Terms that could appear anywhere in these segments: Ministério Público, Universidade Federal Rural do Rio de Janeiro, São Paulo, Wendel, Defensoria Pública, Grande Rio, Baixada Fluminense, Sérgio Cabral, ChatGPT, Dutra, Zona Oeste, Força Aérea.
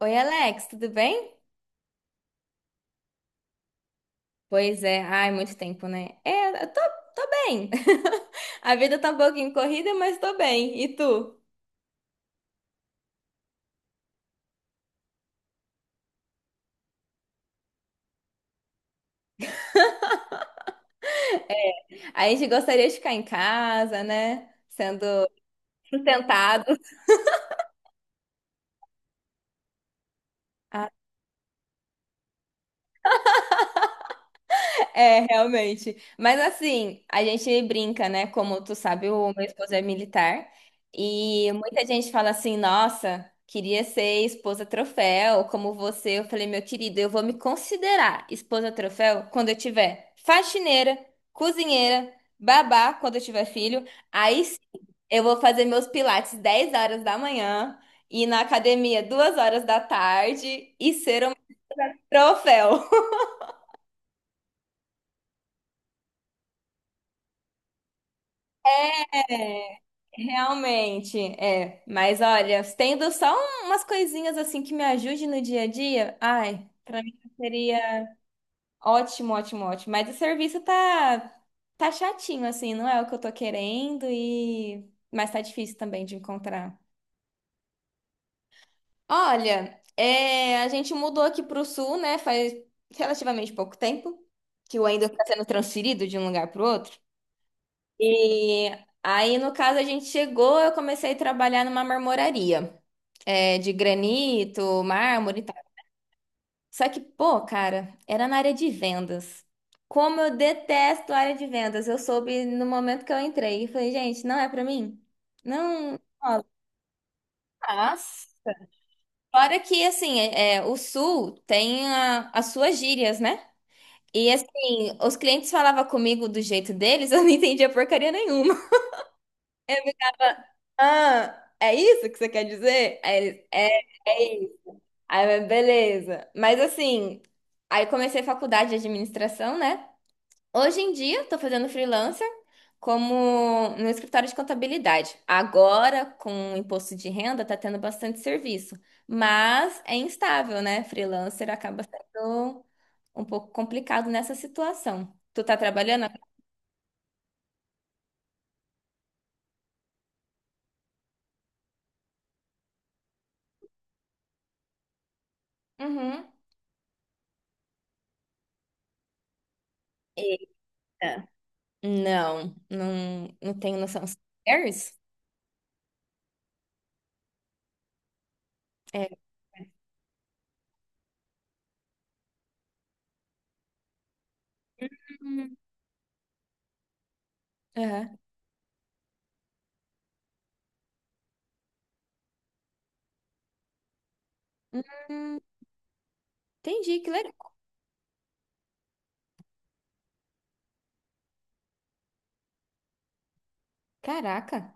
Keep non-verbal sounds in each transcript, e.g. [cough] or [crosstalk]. Oi, Alex, tudo bem? Pois é, ai, muito tempo, né? Tô bem. [laughs] A vida tá um pouquinho corrida, mas tô bem. E tu? A gente gostaria de ficar em casa, né? Sendo sustentado. É, realmente. Mas assim, a gente brinca, né? Como tu sabe, o meu esposo é militar. E muita gente fala assim: nossa, queria ser esposa troféu, como você. Eu falei, meu querido, eu vou me considerar esposa troféu quando eu tiver faxineira, cozinheira, babá, quando eu tiver filho. Aí sim, eu vou fazer meus pilates 10 horas da manhã, ir na academia 14 horas e ser um troféu. [laughs] Realmente, é. Mas olha, tendo umas coisinhas assim que me ajude no dia a dia, ai, pra mim seria ótimo, ótimo, ótimo. Mas o serviço tá chatinho assim, não é o que eu tô querendo e mas tá difícil também de encontrar. Olha, é, a gente mudou aqui pro sul, né? Faz relativamente pouco tempo que o Wendel tá sendo transferido de um lugar pro outro. E aí, no caso, a gente chegou, eu comecei a trabalhar numa marmoraria. É, de granito, mármore e tal. Só que, pô, cara, era na área de vendas. Como eu detesto a área de vendas. Eu soube no momento que eu entrei. Eu falei, gente, não é pra mim. Não rola. Mas, fora que, assim, o Sul tem as suas gírias, né? E, assim, os clientes falavam comigo do jeito deles, [laughs] eu não entendia porcaria nenhuma. É, ah, é isso que você quer dizer? É Aí, eu, beleza. Mas assim, aí comecei faculdade de administração, né? Hoje em dia, tô fazendo freelancer como no escritório de contabilidade. Agora, com o imposto de renda, tá tendo bastante serviço. Mas é instável, né? Freelancer acaba sendo um pouco complicado nessa situação. Tu tá trabalhando? Uhum. Eita. Não tenho noção. São Ares? É. Hum, aham. Hum, entendi, que legal. Caraca.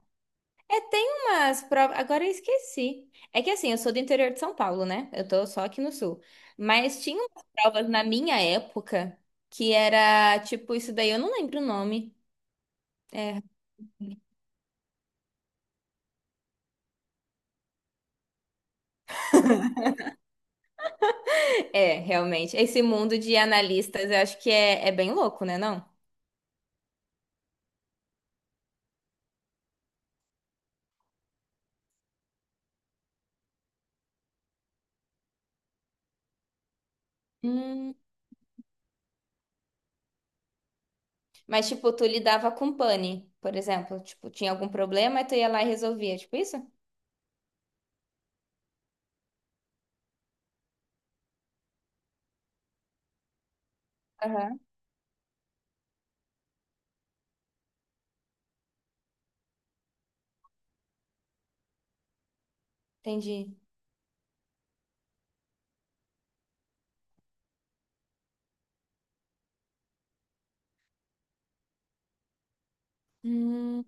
É, tem umas provas. Agora eu esqueci. É que assim, eu sou do interior de São Paulo, né? Eu tô só aqui no sul. Mas tinha umas provas na minha época que era tipo isso daí, eu não lembro o nome. É, [laughs] é, realmente. Esse mundo de analistas eu acho que é bem louco, né, não? Hum, mas, tipo, tu lidava com pane, por exemplo. Tipo, tinha algum problema e tu ia lá e resolvia. Tipo isso? Aham. Entendi. Hum,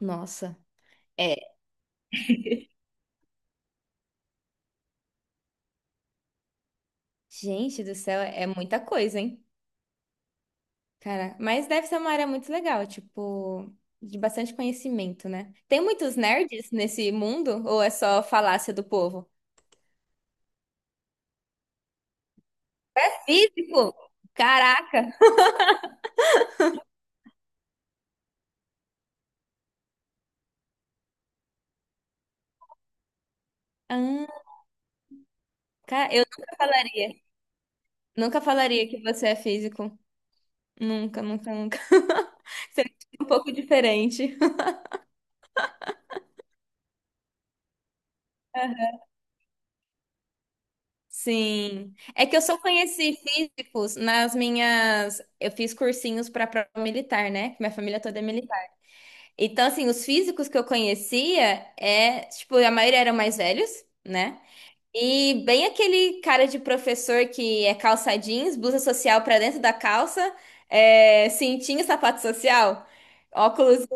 nossa. É. Gente do céu, é muita coisa, hein? Cara, mas deve ser uma área muito legal, tipo, de bastante conhecimento, né? Tem muitos nerds nesse mundo ou é só falácia do povo? É físico? Caraca! Ah, cara, eu nunca falaria. Nunca falaria que você é físico. Nunca, nunca, nunca. [laughs] Você é um pouco diferente. [laughs] Sim. É que eu só conheci físicos nas minhas. Eu fiz cursinhos para prova militar, né? Que minha família toda é militar. Então, assim, os físicos que eu conhecia, é, tipo, a maioria eram mais velhos, né? E bem aquele cara de professor que é calça jeans, blusa social pra dentro da calça, é, cintinho, sapato social, óculos.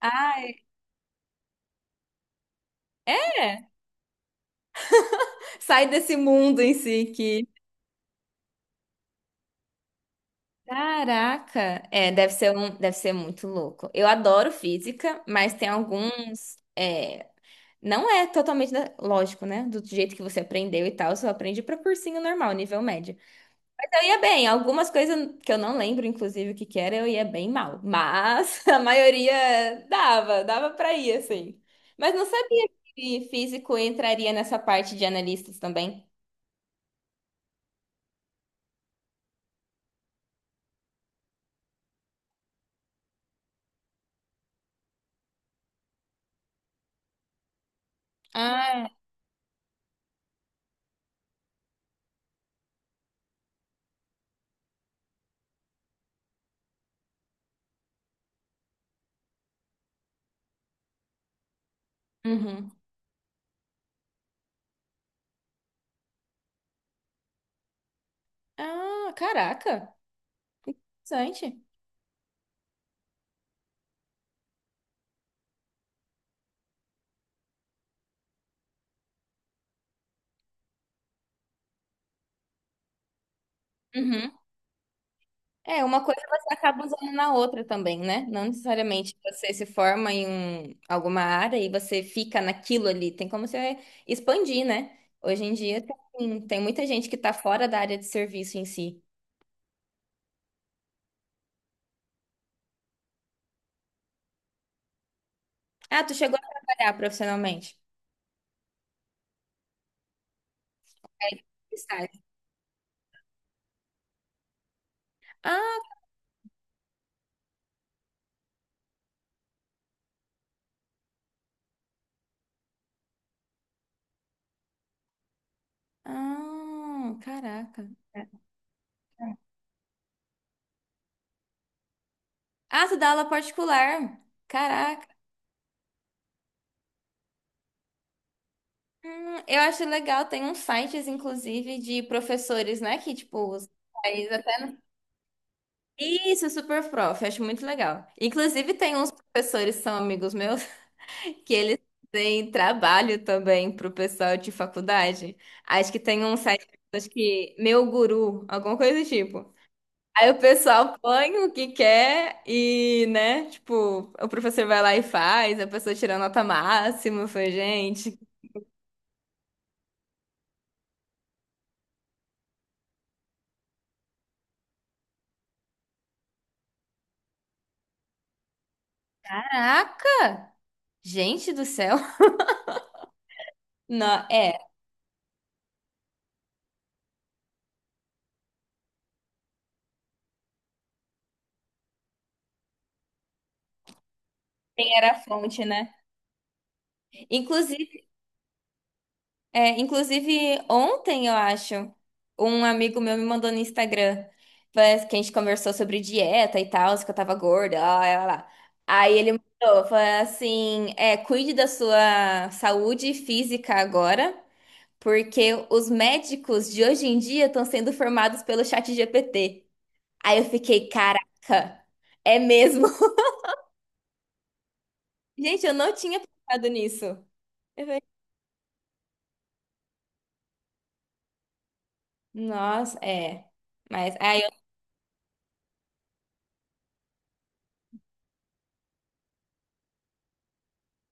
Ai, é. Sai desse mundo em si que. Caraca! Deve ser muito louco. Eu adoro física, mas tem alguns. É, não é totalmente lógico, né? Do jeito que você aprendeu e tal, só aprende para cursinho normal, nível médio. Mas eu ia bem, algumas coisas que eu não lembro, inclusive, o que que era, eu ia bem mal. Mas [laughs] a maioria dava para ir, assim. Mas não sabia que físico entraria nessa parte de analistas também. Ah, é. Uhum. Ah, caraca, interessante. É, uma coisa você acaba usando na outra também, né? Não necessariamente você se forma em alguma área e você fica naquilo ali. Tem como você expandir, né? Hoje em dia tem muita gente que tá fora da área de serviço em si. Ah, tu chegou a trabalhar profissionalmente? Aí, estágio. Ah, ah, caraca. Ah, tu dá aula particular. Caraca. Eu acho legal, tem uns sites, inclusive, de professores, né? Isso, é super prof, acho muito legal. Inclusive, tem uns professores que são amigos meus [laughs] que eles têm trabalho também pro pessoal de faculdade. Acho que tem um site, acho que Meu Guru, alguma coisa do tipo. Aí o pessoal põe o que quer e, né, tipo, o professor vai lá e faz, a pessoa tira nota máxima. Eu falei, gente, caraca! Gente do céu! [laughs] Não, é, quem era a fonte, né? Inclusive. É, inclusive, ontem, eu acho, um amigo meu me mandou no Instagram, parece que a gente conversou sobre dieta e tal, se que eu tava gorda, lá, lá, lá, lá. Aí ele mandou, falou assim, é, cuide da sua saúde física agora, porque os médicos de hoje em dia estão sendo formados pelo chat GPT. Aí eu fiquei, caraca, é mesmo? [laughs] Gente, eu não tinha pensado nisso. Eu falei, nossa, é. Mas aí eu,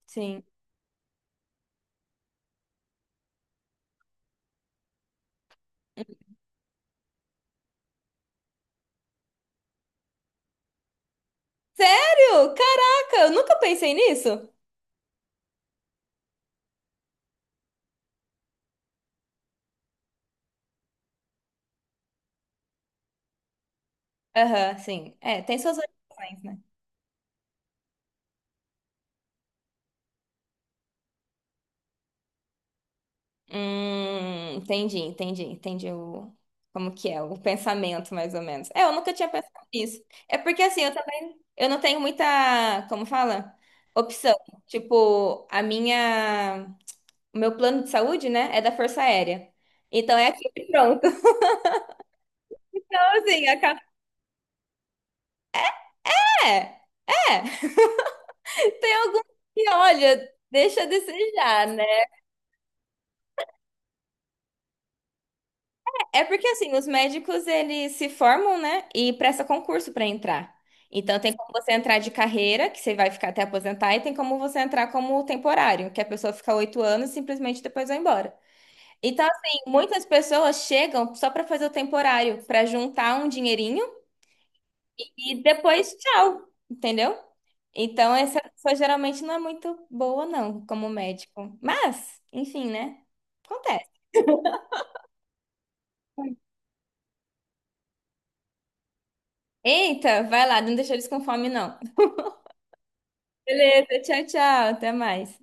sim. Sério? Caraca, eu nunca pensei nisso. Aham, sim. É, tem suas orientações, né? Entendi o, como que é, o pensamento, mais ou menos. É, eu nunca tinha pensado nisso. É porque, assim, eu também, eu não tenho muita, como fala? Opção. Tipo, a minha, o meu plano de saúde, né, é da Força Aérea. Então é aqui pronto. [laughs] Então, assim, acaba... É, é. [laughs] Tem alguns que, olha, deixa a desejar, né? É porque assim, os médicos eles se formam, né, e presta concurso para entrar. Então tem como você entrar de carreira, que você vai ficar até aposentar, e tem como você entrar como temporário, que a pessoa fica 8 anos e simplesmente depois vai embora. Então assim, muitas pessoas chegam só para fazer o temporário, para juntar um dinheirinho e depois tchau, entendeu? Então essa pessoa geralmente não é muito boa não, como médico. Mas, enfim, né? Acontece. Eita, vai lá, não deixa eles com fome não. Beleza, tchau, tchau, até mais.